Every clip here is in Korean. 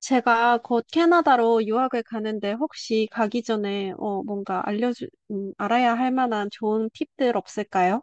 제가 곧 캐나다로 유학을 가는데 혹시 가기 전에 뭔가 알아야 할 만한 좋은 팁들 없을까요?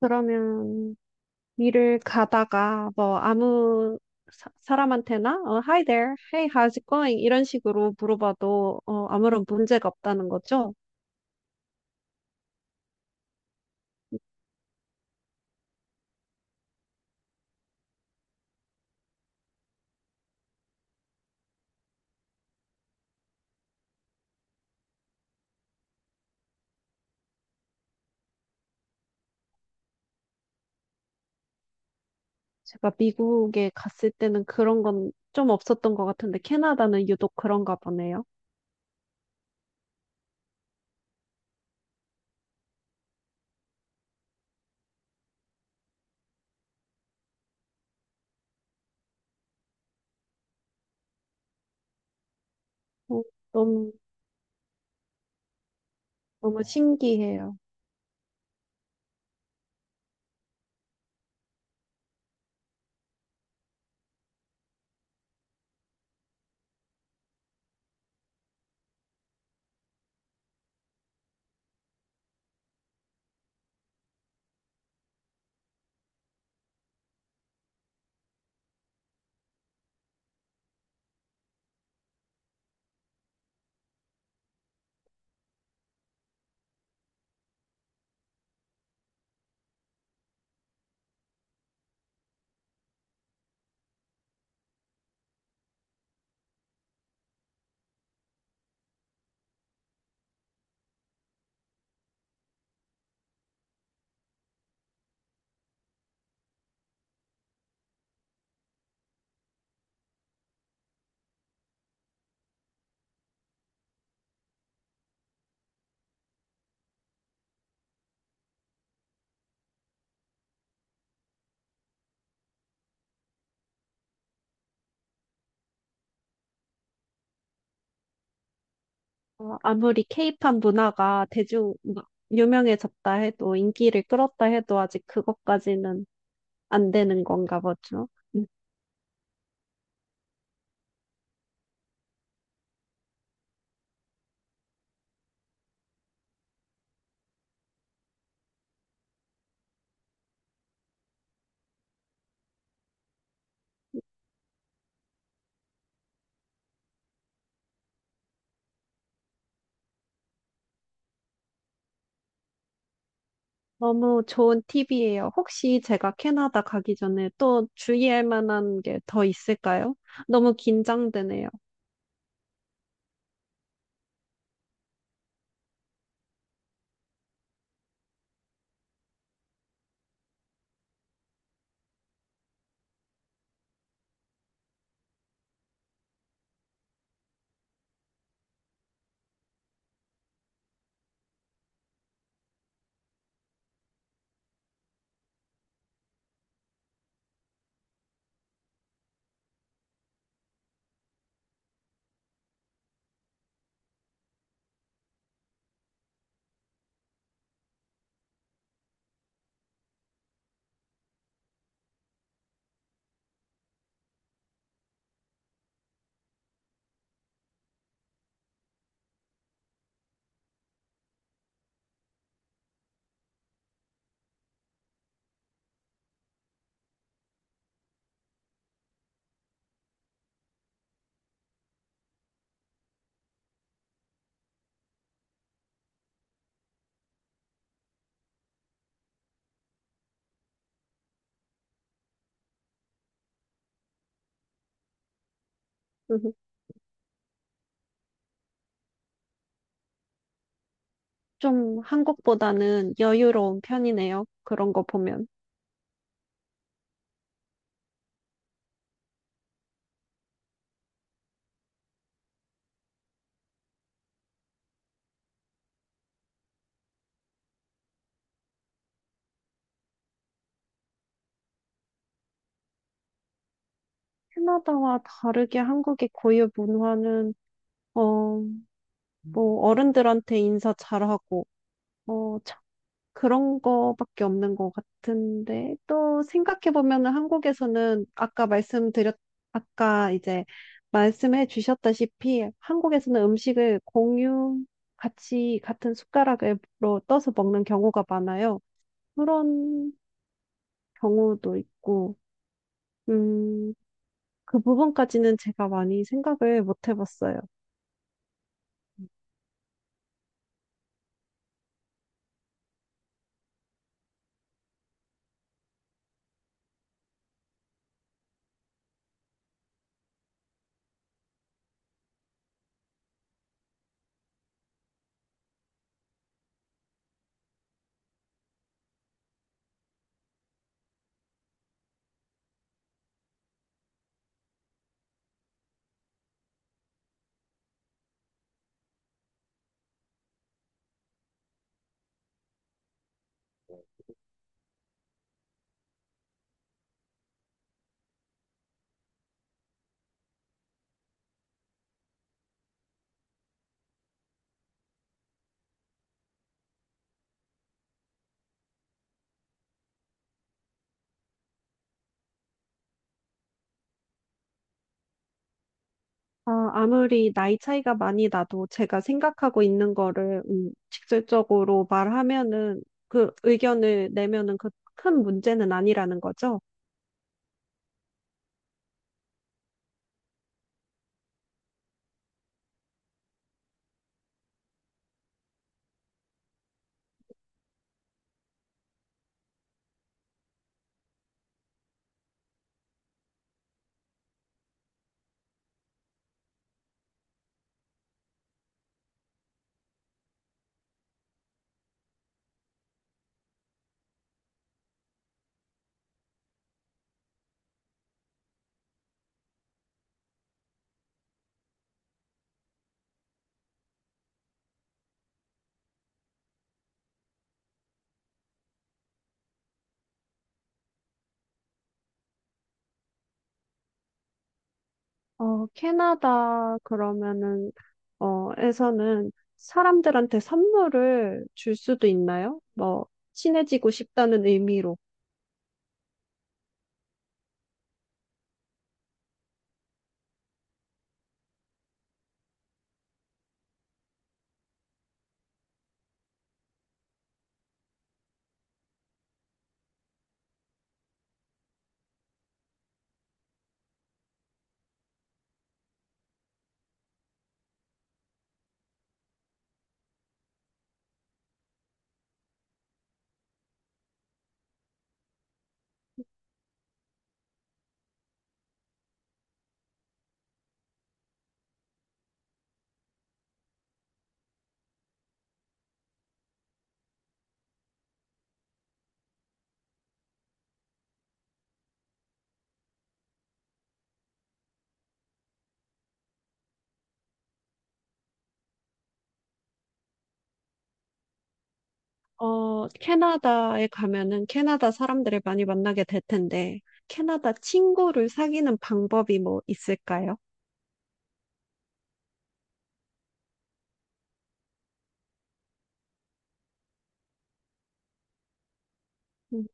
그러면 일을 가다가 뭐 아무 사람한테나 Hi there, Hey, how's it going? 이런 식으로 물어봐도 아무런 문제가 없다는 거죠? 제가 미국에 갔을 때는 그런 건 좀 없었던 것 같은데 캐나다는 유독 그런가 보네요. 어, 너무 너무 신기해요. 아무리 케이팝 문화가 대중 막 유명해졌다 해도 인기를 끌었다 해도 아직 그것까지는 안 되는 건가 보죠. 음, 너무 좋은 팁이에요. 혹시 제가 캐나다 가기 전에 또 주의할 만한 게 더 있을까요? 너무 긴장되네요. 좀 한국보다는 여유로운 편이네요. 그런 거 보면. 캐나다와 다르게 한국의 고유 문화는 어, 뭐 어른들한테 인사 잘하고 어, 그런 거밖에 없는 것 같은데 또 생각해 보면은 한국에서는 아까 이제 말씀해 주셨다시피 한국에서는 음식을 공유 같이 같은 숟가락으로 떠서 먹는 경우가 많아요. 그런 경우도 있고 음, 그 부분까지는 제가 많이 생각을 못 해봤어요. 아무리 나이 차이가 많이 나도 제가 생각하고 있는 거를 직접적으로 말하면은 그 의견을 내면은 그 큰 문제는 아니라는 거죠. 캐나다 그러면은 에서는 사람들한테 선물을 줄 수도 있나요? 뭐 친해지고 싶다는 의미로. 캐나다에 가면은 캐나다 사람들을 많이 만나게 될 텐데 캐나다 친구를 사귀는 방법이 뭐 있을까요? 음,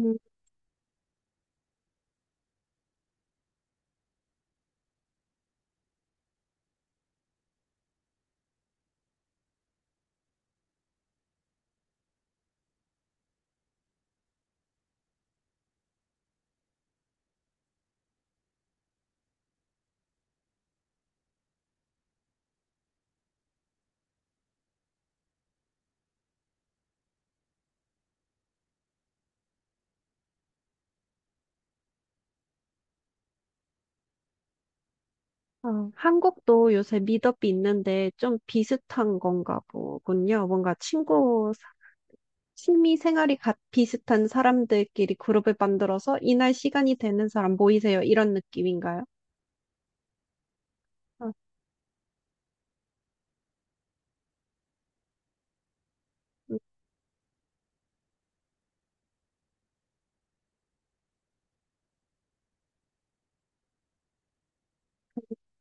음, 한국도 요새 미덥이 있는데 좀 비슷한 건가 보군요. 뭔가 친구 취미 생활이 같 비슷한 사람들끼리 그룹을 만들어서 이날 시간이 되는 사람 모이세요. 이런 느낌인가요? 아, 음.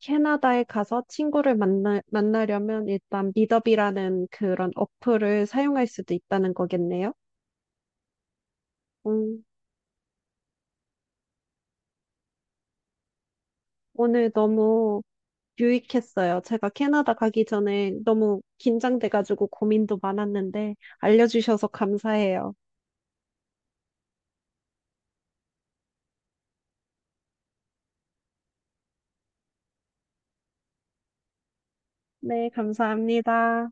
캐나다에 가서 만나려면 일단 미더비라는 그런 어플을 사용할 수도 있다는 거겠네요. 음, 오늘 너무 유익했어요. 제가 캐나다 가기 전에 너무 긴장돼가지고 고민도 많았는데 알려주셔서 감사해요. 네, 감사합니다.